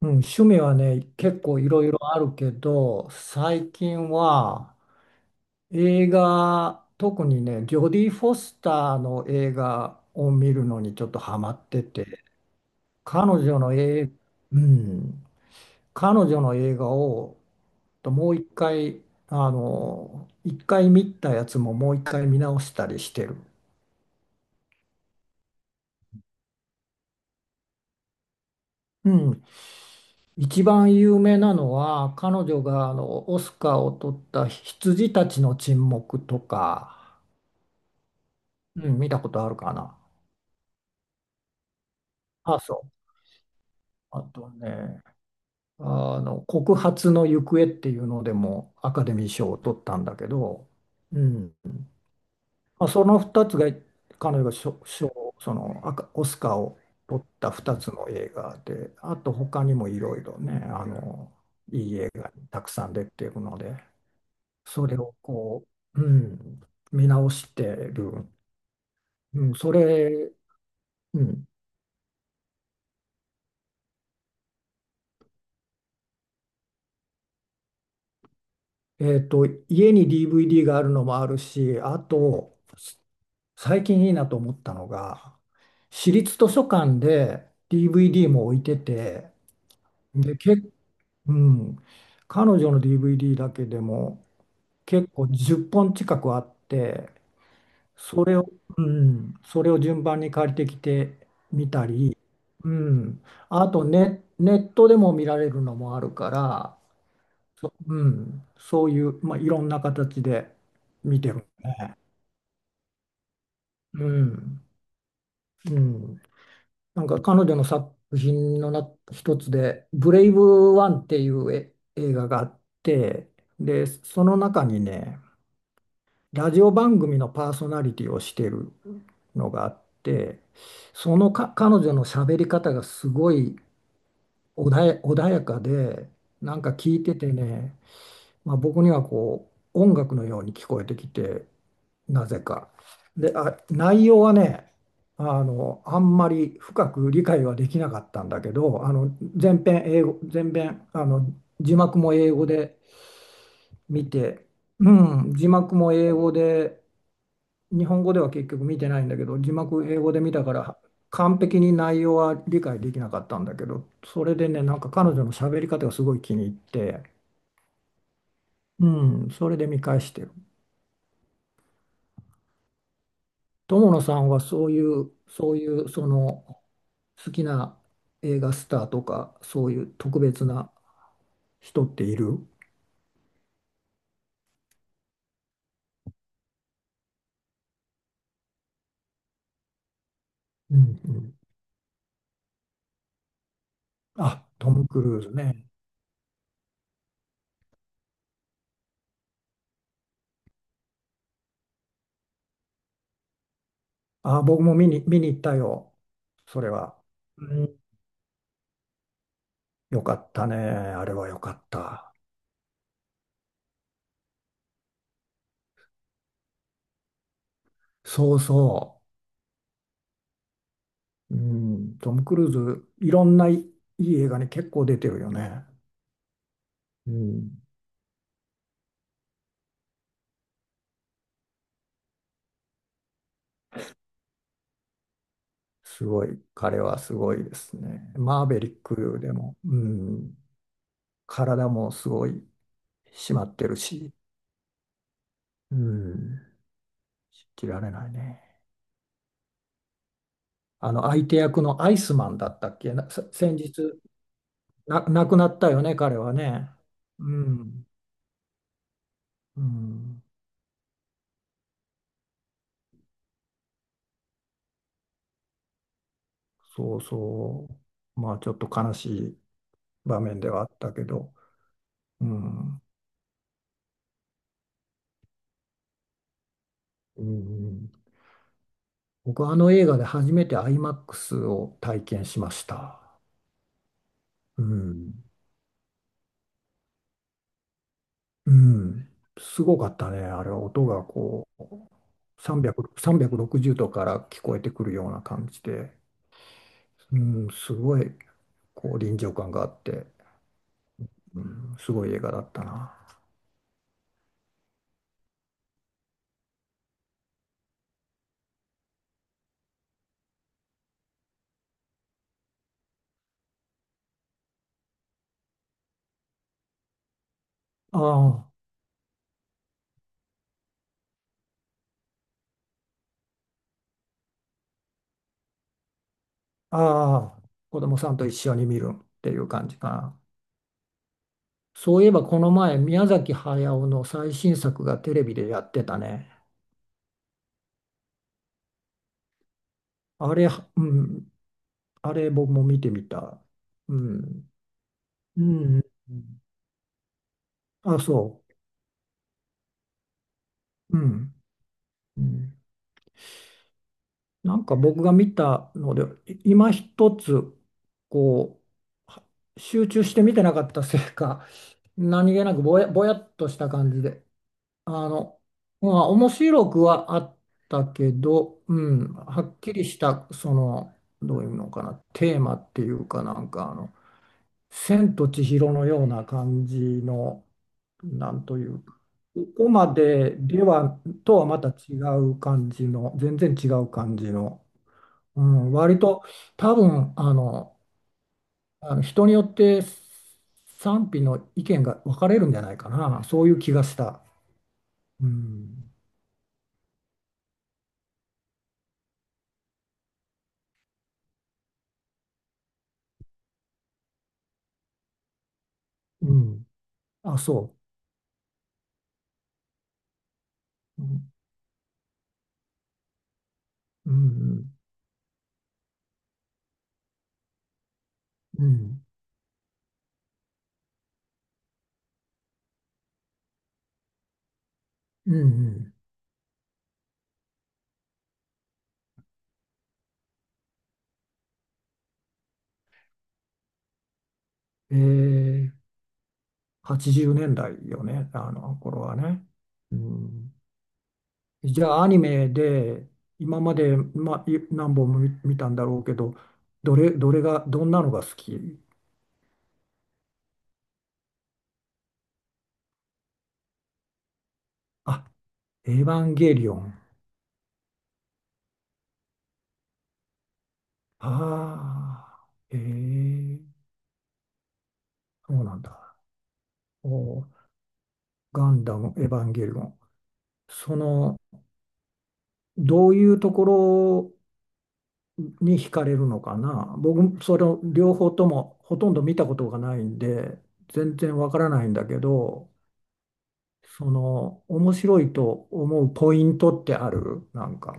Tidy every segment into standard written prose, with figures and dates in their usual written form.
うん、趣味はね、結構いろいろあるけど、最近は映画、特にね、ジョディ・フォスターの映画を見るのにちょっとハマってて、彼女の映、うん、彼女の映画をもう一回、一回見たやつももう一回見直したりしてる。うん、一番有名なのは彼女がオスカーを取った「羊たちの沈黙」とか。うん、見たことあるかな。あ、そう。あとね、告発の行方っていうのでもアカデミー賞を取ったんだけど、うん。まあ、その2つが、彼女が賞、そのアカ、オスカーを取った2つの映画で、あと他にもいろいろね、いい映画にたくさん出てるので、それをう、うん、見直してる。うん、それ、うん、えっと、家に DVD があるのもあるし、あと、最近いいなと思ったのが、私立図書館で DVD も置いてて、で、け、うん、彼女の DVD だけでも結構10本近くあって、それを、うん、それを順番に借りてきてみたり、うん、あとネットでも見られるのもあるから、うん、そういう、まあ、いろんな形で見てる。うん、うん、なんか彼女の作品の一つで「ブレイブワン」っていう映画があって、でその中にね、ラジオ番組のパーソナリティをしてるのがあって、その彼女の喋り方がすごい穏やかで、なんか聞いててね、まあ、僕にはこう音楽のように聞こえてきて、なぜか。で、あ、内容はね、あんまり深く理解はできなかったんだけど、全編英語、全編字幕も英語で見て、うん、字幕も英語で、日本語では結局見てないんだけど、字幕英語で見たから完璧に内容は理解できなかったんだけど、それでね、なんか彼女の喋り方がすごい気に入って、うん、それで見返してる。友野さんはそういう、そういう、その、好きな映画スターとか、そういう特別な人っている？うんうん。あ、トム・クルーズね。あ、僕も見に行ったよ。それは。うん。よかったね。あれはよかった。そうそう。うん。トム・クルーズ、いろんないい映画に結構出てるよね。うん。すごい。彼はすごいですね。マーベリックでも。うん。体もすごい締まってるし、うん、信じられないね。あの相手役のアイスマンだったっけな、先日亡くなったよね、彼はね。うん、うん、そうそう。まあちょっと悲しい場面ではあったけど、うん、うん、僕はあの映画で初めてアイマックスを体験しました。うん、うん、すごかったね。あれ、音がこう、300、360度から聞こえてくるような感じで、うん、すごい、こう、臨場感があって、うん、すごい映画だったな。ああ、ああ、子供さんと一緒に見るっていう感じかな。そういえば、この前、宮崎駿の最新作がテレビでやってたね。あれ、うん、あれ、僕も見てみた。うん、うん、あ、そう。うん。うん、なんか僕が見たので、今一つ、こう、は集中して見てなかったせいか、何気なくぼやっとした感じで、あの、まあ、面白くはあったけど、うん、はっきりした、その、どういうのかな、テーマっていうかなんか、千と千尋のような感じの、なんというか、ここまででは、とはまた違う感じの、全然違う感じの、うん、割と多分あの人によって賛否の意見が分かれるんじゃないかな、そういう気がした。うん、うん、あ、そう。うん、うん、うん、うん、えー、80年代よね、あの頃はね。うん、じゃあ、アニメで今まで、ま、何本も見たんだろうけど、どれ、どれが、どんなのが好き？あ、エヴァンゲリオン。ああ、ええ、そうなんだ。おー、ガンダム、エヴァンゲリオン。その、どういうところに惹かれるのかな。僕、それを両方ともほとんど見たことがないんで、全然わからないんだけど、その、面白いと思うポイントってあるなんか。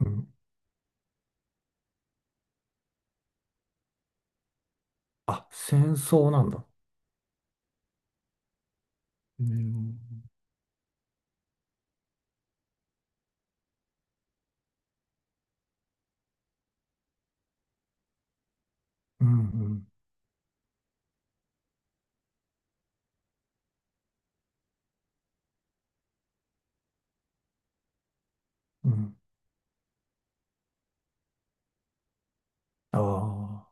うん。あ、戦争なんだ。うん、うんうんうん。ああ、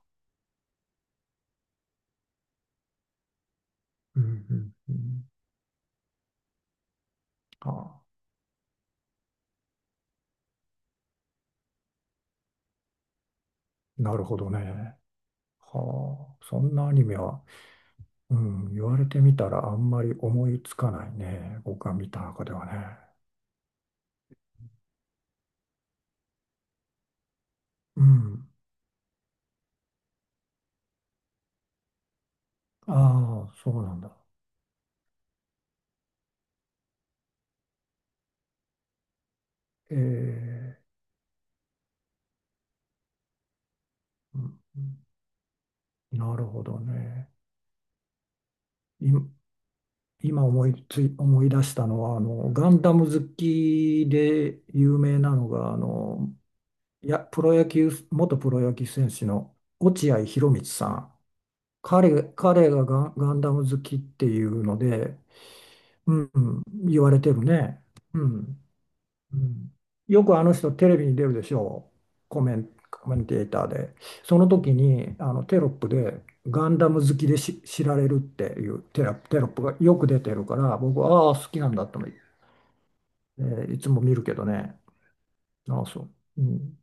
うんうんうん。ああ、なるほどね。はあ、そんなアニメは、うん、言われてみたらあんまり思いつかないね。僕が見た中ではね。うん。ああ、そうなんだ。ええ、うん、なるほどね。い、今思い出したのは、ガンダム好きで有名なのが、いや、プロ野球、元プロ野球選手の落合博満さん。彼がガンダム好きっていうので、うん、うん、言われてるね。うん、うん。よくあの人テレビに出るでしょう。コメンテーターで。その時にテロップでガンダム好きで知られるっていうテロップがよく出てるから、僕はああ、好きなんだとてい、えーいつも見るけどね。ああ、そう。うん、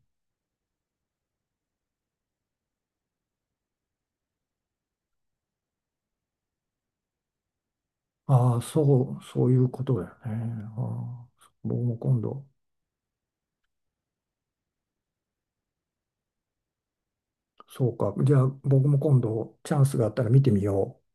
ああ、そう、そういうことだよね。ああ、僕も今度、そうか。じゃあ僕も今度チャンスがあったら見てみよう。